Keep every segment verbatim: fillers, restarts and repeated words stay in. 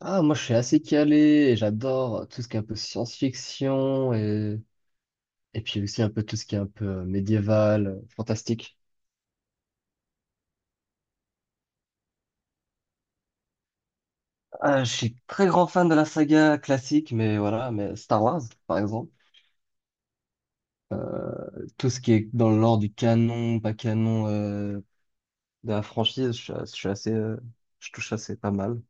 Ah, moi, je suis assez calé et j'adore tout ce qui est un peu science-fiction et, et puis aussi un peu tout ce qui est un peu euh, médiéval, euh, fantastique. Ah, je suis très grand fan de la saga classique, mais voilà, mais Star Wars, par exemple. Tout ce qui est dans l'ordre du canon, pas canon euh, de la franchise, je, suis je suis assez, euh, je touche assez pas mal.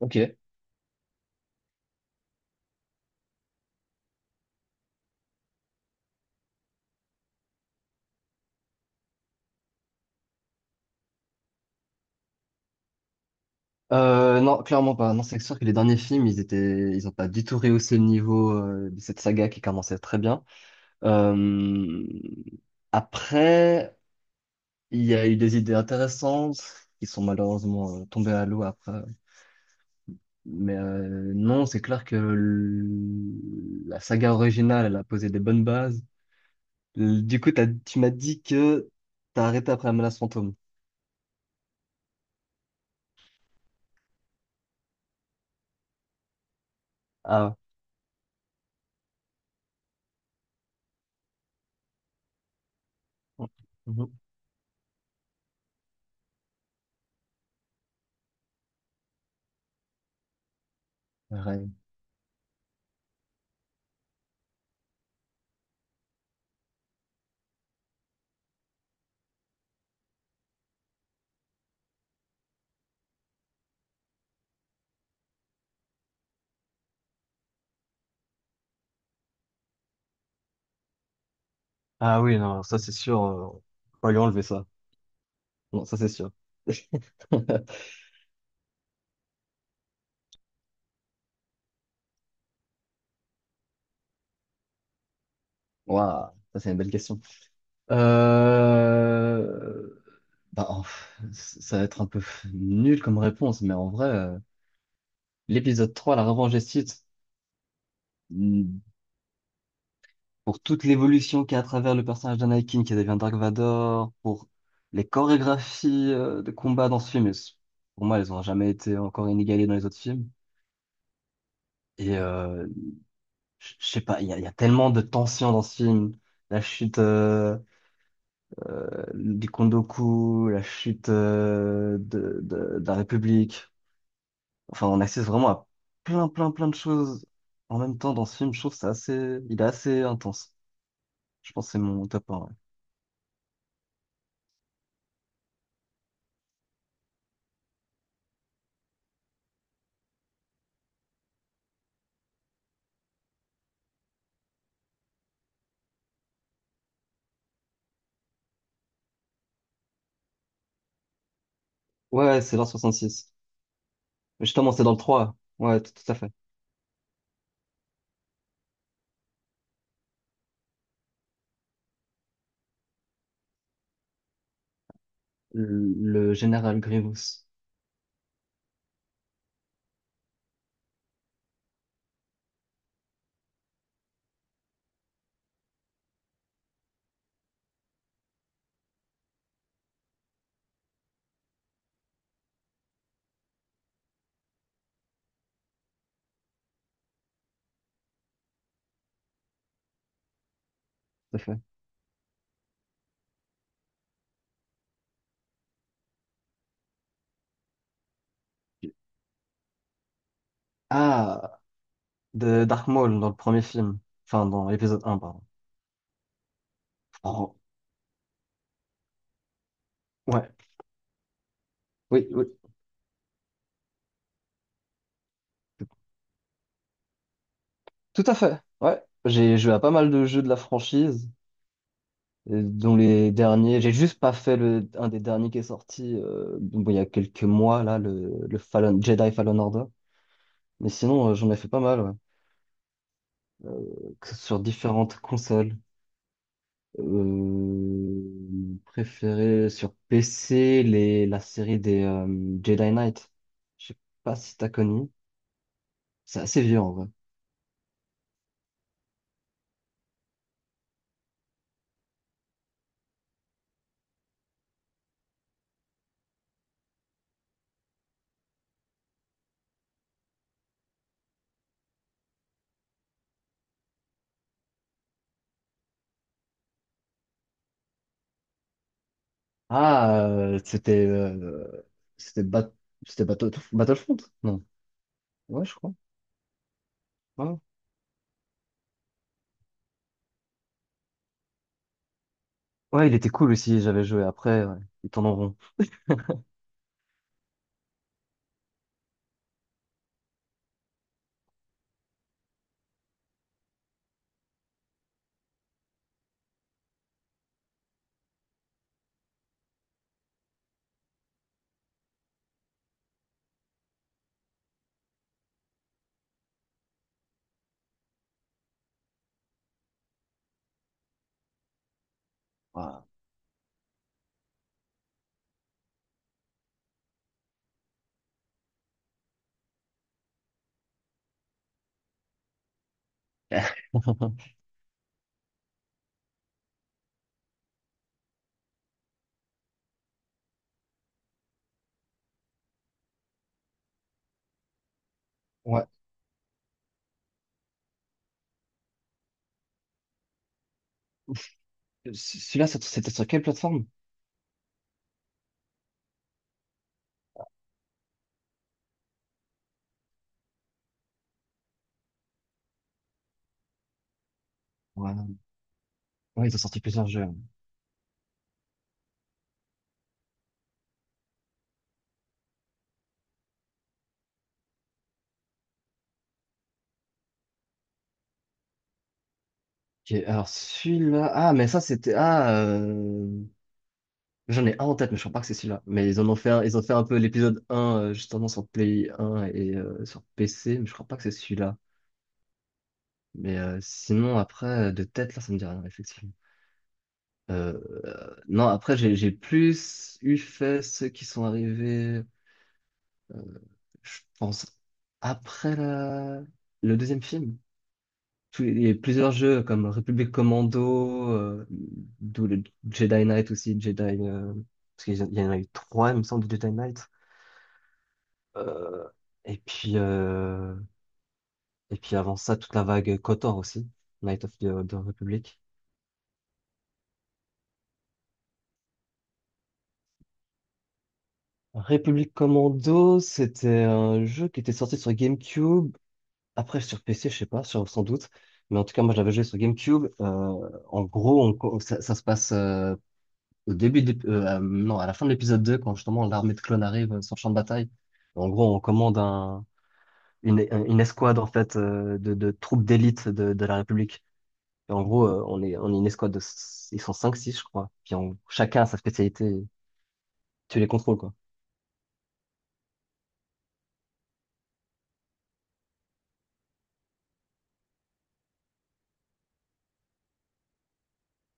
Ok. Euh, non, clairement pas. Non, c'est sûr que les derniers films, ils étaient, ils ont pas du tout rehaussé le niveau euh, de cette saga qui commençait très bien. Euh, après, il y a eu des idées intéressantes qui sont malheureusement euh, tombées à l'eau après. Mais euh, non, c'est clair que l- la saga originale, elle a posé des bonnes bases. L- Du coup, t'as- tu m'as dit que t'as arrêté après La Menace Fantôme. Ah, mhm. Ouais. Ah oui, non, ça c'est sûr. euh, On va lui enlever ça. Non, ça c'est sûr. Waouh, ça c'est une belle question. Euh, Bah, en ça va être un peu nul comme réponse, mais en vrai, euh, l'épisode trois La Revanche des Sith, mm, pour toute l'évolution qu'il y a à travers le personnage d'Anakin qui devient Dark Vador, pour les chorégraphies euh, de combat dans ce film, elles pour moi, elles ont jamais été encore inégalées dans les autres films. Et euh, je je sais pas, il y a, il y a tellement de tensions dans ce film. La chute euh, euh, du Kondoku, la chute euh, de, de, de la République. Enfin, on assiste vraiment à plein, plein, plein de choses en même temps dans ce film. Je trouve que c'est assez, il est assez intense. Je pense que c'est mon top un. Ouais, ouais, c'est l'an soixante-six. Mais justement, c'est dans le trois. Ouais, tout, tout à fait. Le, le général Grievous. Tout à fait. Ah, de Dark Maul dans le premier film. Enfin, dans l'épisode un, pardon. Oh, ouais. Oui, oui. Tout à fait. Ouais. J'ai joué à pas mal de jeux de la franchise, euh, dont les derniers. J'ai juste pas fait le, un des derniers qui est sorti, euh, bon, il y a quelques mois, là, le, le Fallen, Jedi Fallen Order. Mais sinon, euh, j'en ai fait pas mal, ouais. Euh, que- sur différentes consoles. Euh, préféré sur P C, les, la série des euh, Jedi Knight. Je sais pas si t'as connu. C'est assez vieux en vrai. Ah, euh, c'était euh, c'était Bat- c'était Battle- Battlefront? Non. Ouais, je crois. Ouais, ouais. Ouais, il était cool aussi, j'avais joué après, ouais. Ils tournent en rond. Ouais. Ouais. C- Celui-là, c'est- c'était sur quelle plateforme? Ouais. Ouais, ils ont sorti plusieurs jeux. Ok, alors celui-là. Ah, mais ça, c'était. Ah, euh, j'en ai un en tête, mais je crois pas que c'est celui-là. Mais ils en ont fait un, ils ont fait un peu l'épisode un euh, justement, sur Play un et euh, sur P C, mais je crois pas que c'est celui-là. Mais euh, sinon, après, euh, de tête, là, ça me dit rien, effectivement. Euh, euh, non, après, j'ai j'ai plus eu fait ceux qui sont arrivés. euh, je pense, après la- le deuxième film. Tous les- Il y a plusieurs jeux comme République Commando, euh, d'où le Jedi Knight aussi, Jedi, euh, parce qu'il y en il y en a eu trois, il me semble, de Jedi Knight. Euh, et puis, euh, et puis avant ça, toute la vague KOTOR aussi, Knight of the, the Republic. République Commando, c'était un jeu qui était sorti sur GameCube. Après, sur P C, je sais pas, sur- sans doute. Mais en tout cas, moi, j'avais joué sur GameCube. Euh, en gros, on co- ça, ça se passe euh, au début de l'ép- euh, euh, non, à la fin de l'épisode deux quand justement l'armée de clones arrive euh, sur le champ de bataille. En gros, on commande un, une, une escouade, en fait, euh, de, de troupes d'élite de, de la République. Et en gros, euh, on est, on est une escouade de... s- Ils sont cinq six je crois. Puis on- chacun a sa spécialité. Tu les contrôles, quoi.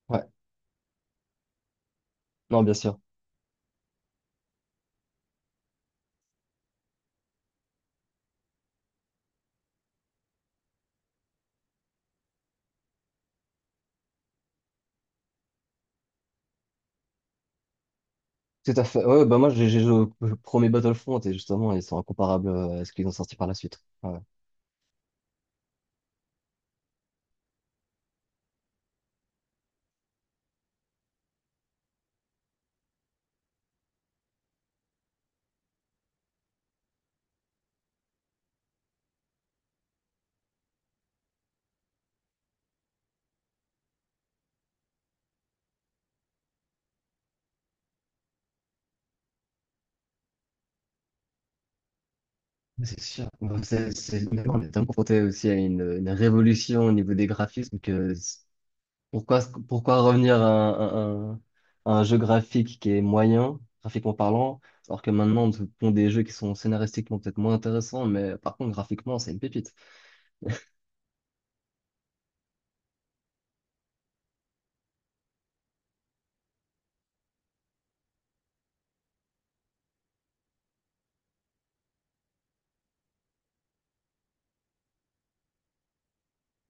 Ouais. Non, bien sûr. Tout à fait. Ouais, ouais, bah moi, j'ai j'ai joué au au premier Battlefront et justement, ils sont incomparables euh, à ce qu'ils ont sorti par la suite. Ouais. Ouais. C'est sûr. Bon, c'est, c'est- on est tellement confronté aussi à une, une révolution au niveau des graphismes que c'est- pourquoi, pourquoi revenir à un, à un- à un jeu graphique qui est moyen, graphiquement parlant, alors que maintenant on te pond des jeux qui sont scénaristiquement peut-être moins intéressants, mais par contre graphiquement c'est une pépite.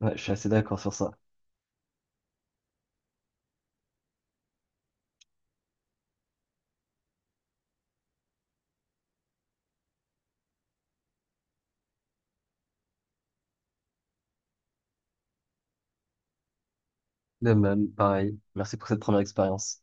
Ouais, je suis assez d'accord sur ça. De même, pareil. Merci pour cette première expérience.